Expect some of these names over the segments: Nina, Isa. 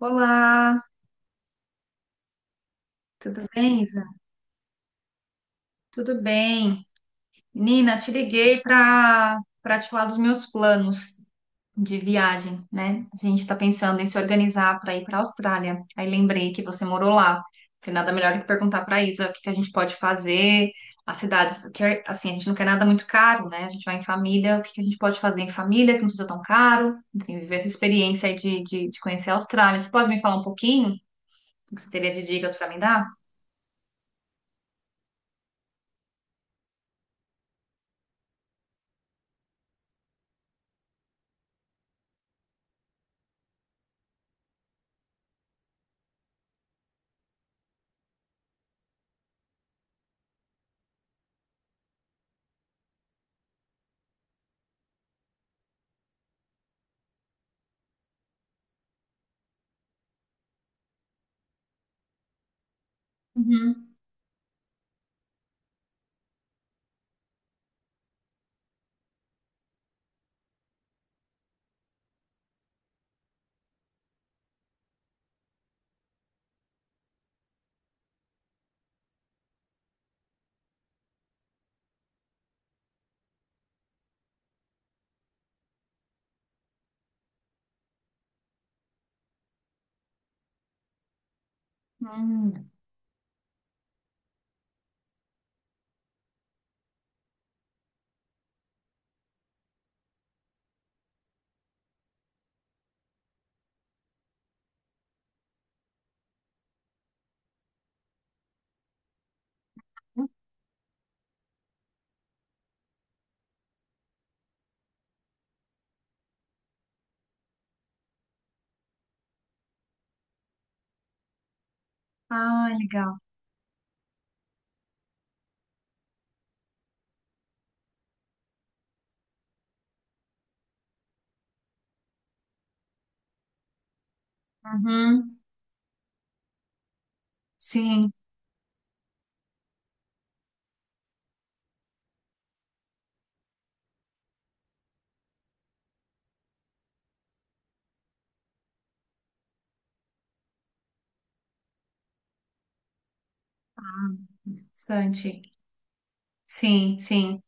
Olá, tudo bem, Isa? Tudo bem. Nina. Te liguei para te falar dos meus planos de viagem, né? A gente está pensando em se organizar para ir para a Austrália. Aí lembrei que você morou lá. Falei, nada melhor que perguntar para Isa o que que a gente pode fazer, as cidades, que, é, assim, a gente não quer nada muito caro, né? A gente vai em família, o que que a gente pode fazer em família que não seja tão caro, enfim, viver essa experiência aí de conhecer a Austrália. Você pode me falar um pouquinho? O que você teria de dicas para me dar? Uhum. Hum. Ah, legal. Uhum. Sim. Ah, bastante. Sim, sim.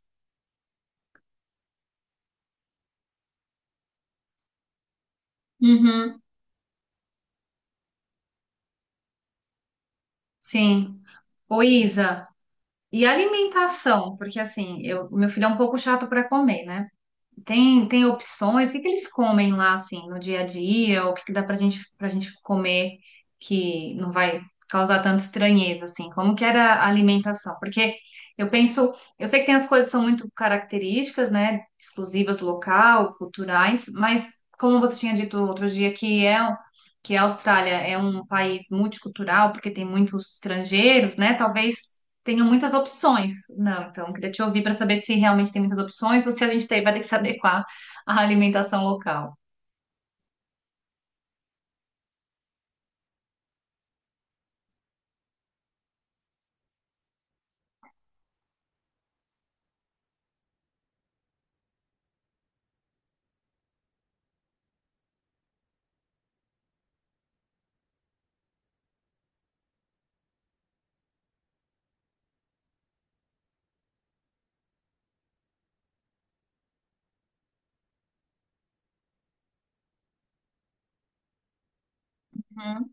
Uhum. Sim. Ô, Isa, e alimentação? Porque assim, eu, meu filho é um pouco chato para comer, né? Tem opções? O que que eles comem lá, assim, no dia a dia? O que que dá pra gente comer que não vai causar tanta estranheza, assim? Como que era a alimentação? Porque eu penso, eu sei que tem as coisas que são muito características, né? Exclusivas local, culturais, mas como você tinha dito outro dia que é que a Austrália é um país multicultural, porque tem muitos estrangeiros, né? Talvez tenho muitas opções. Não, então, queria te ouvir para saber se realmente tem muitas opções ou se a gente tem- vai ter que se adequar à alimentação local. Uhum,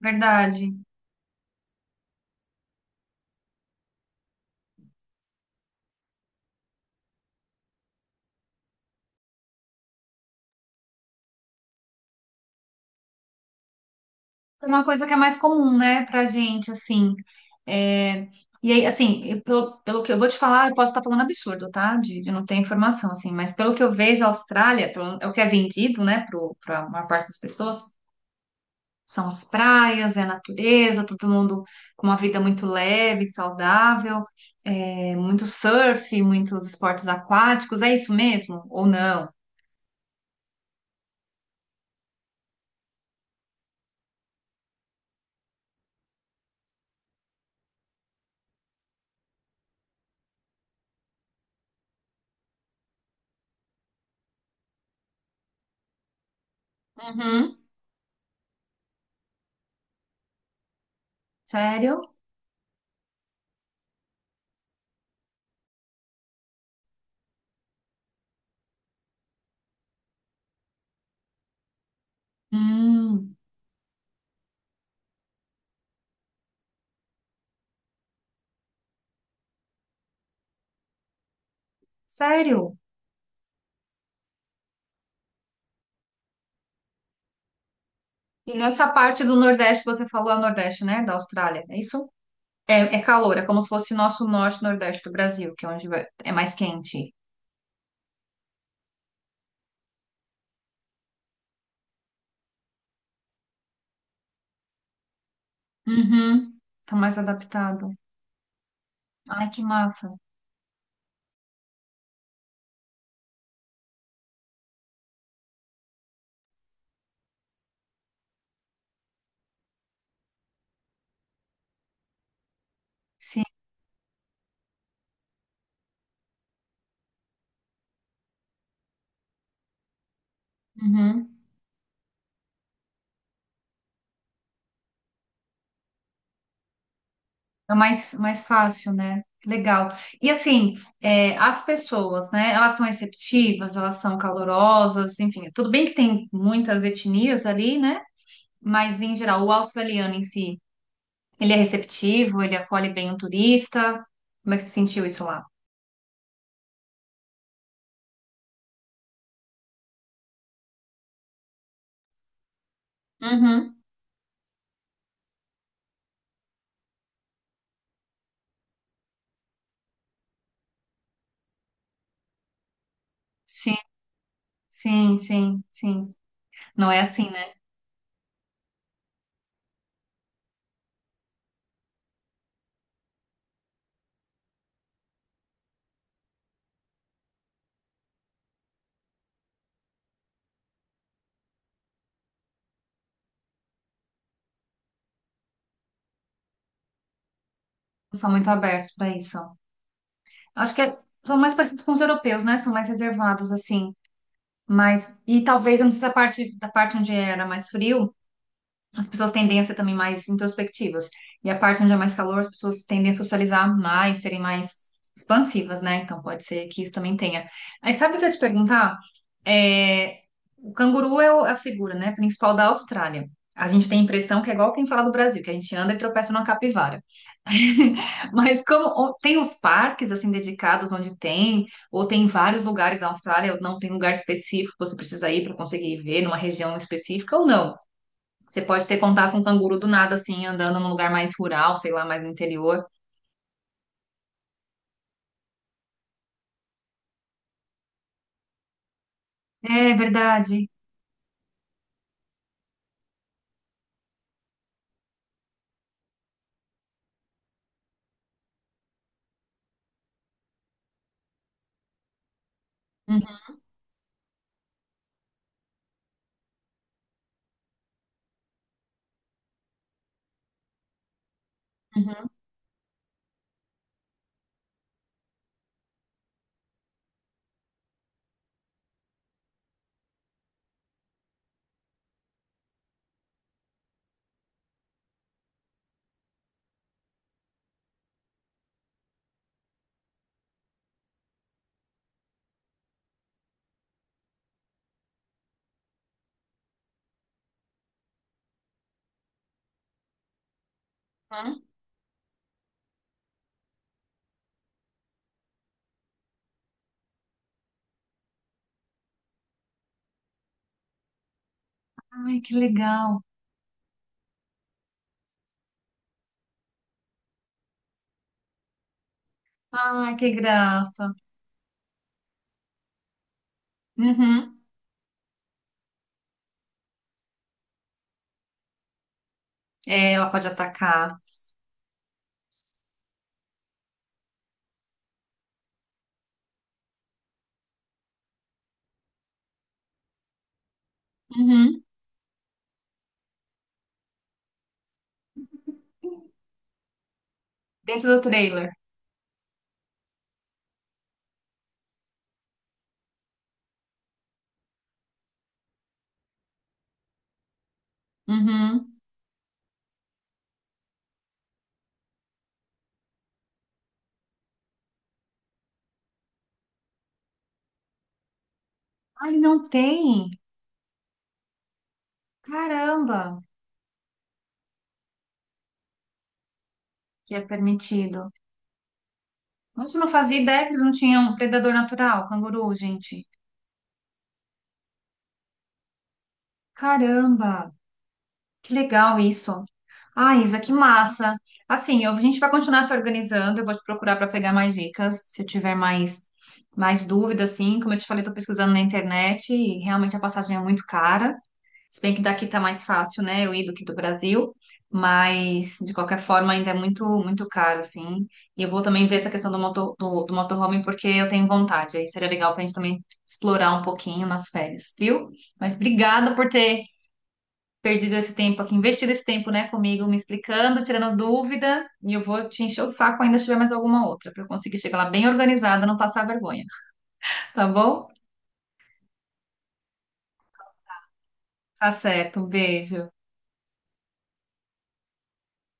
verdade. É uma coisa que é mais comum, né, pra gente, assim. É. E aí, assim, eu- pelo, pelo que eu vou te falar, eu posso estar falando absurdo, tá? De não ter informação, assim, mas pelo que eu vejo, a Austrália, pelo- é o que é vendido, né, para a maior parte das pessoas, são as praias, é a natureza, todo mundo com uma vida muito leve, saudável, é, muito surf, muitos esportes aquáticos, é isso mesmo? Ou não? Uhum. Sério? Hum, sério? E nessa parte do Nordeste, você falou é o Nordeste, né? Da Austrália, é isso? É, é calor, é como se fosse nosso norte e nordeste do Brasil, que é onde vai- é mais quente. Uhum. Tá mais adaptado. Ai, que massa. Sim. Uhum. É mais, mais fácil, né? Legal. E assim, é, as pessoas, né? Elas são receptivas, elas são calorosas, enfim. Tudo bem que tem muitas etnias ali, né? Mas em geral, o australiano em si, ele é receptivo, ele acolhe bem o turista. Como é que você sentiu isso lá? Uhum. Sim, sim, sim, sim. Não é assim, né? Não são muito abertos para isso. Acho que é- são mais parecidos com os europeus, né? São mais reservados, assim. Mas, e talvez, eu não sei se a parte da parte onde era mais frio. As pessoas tendem a ser também mais introspectivas. E a parte onde é mais calor, as pessoas tendem a socializar mais, serem mais expansivas, né? Então pode ser que isso também tenha. Aí sabe o que eu ia te perguntar? É, o canguru é o- é a figura, né, principal da Austrália. A gente tem a impressão que é igual quem fala do Brasil, que a gente anda e tropeça numa capivara. Mas como o- tem os parques assim dedicados onde tem, ou tem vários lugares na Austrália, ou não tem lugar específico que você precisa ir para conseguir ver numa região específica ou não? Você pode ter contato com um canguru do nada, assim, andando num lugar mais rural, sei lá, mais no interior. É verdade. Uhum, uhum, uhum. Ai, que legal. Ai, que graça. Uhum. É, ela pode atacar. Uhum. Dentro do trailer. Uhum. Ah, não tem. Caramba, que é permitido. Nossa, eu não fazia ideia que eles não tinham um predador natural, canguru, gente. Caramba, que legal isso. Ah, Isa, que massa. Assim, eu- a gente vai continuar se organizando. Eu vou te procurar para pegar mais dicas. Se eu tiver mais, mais dúvida, assim, como eu te falei, estou pesquisando na internet e realmente a passagem é muito cara. Se bem que daqui tá mais fácil, né? Eu ir do que do Brasil. Mas, de qualquer forma, ainda é muito, muito caro, assim. E eu vou também ver essa questão do, motor, do motorhome, porque eu tenho vontade. Aí seria legal para a gente também explorar um pouquinho nas férias, viu? Mas obrigada por ter perdido esse tempo aqui, investido esse tempo, né, comigo, me explicando, tirando dúvida, e eu vou te encher o saco ainda se tiver mais alguma outra, para eu conseguir chegar lá bem organizada, não passar vergonha, tá bom? Tá certo, um beijo.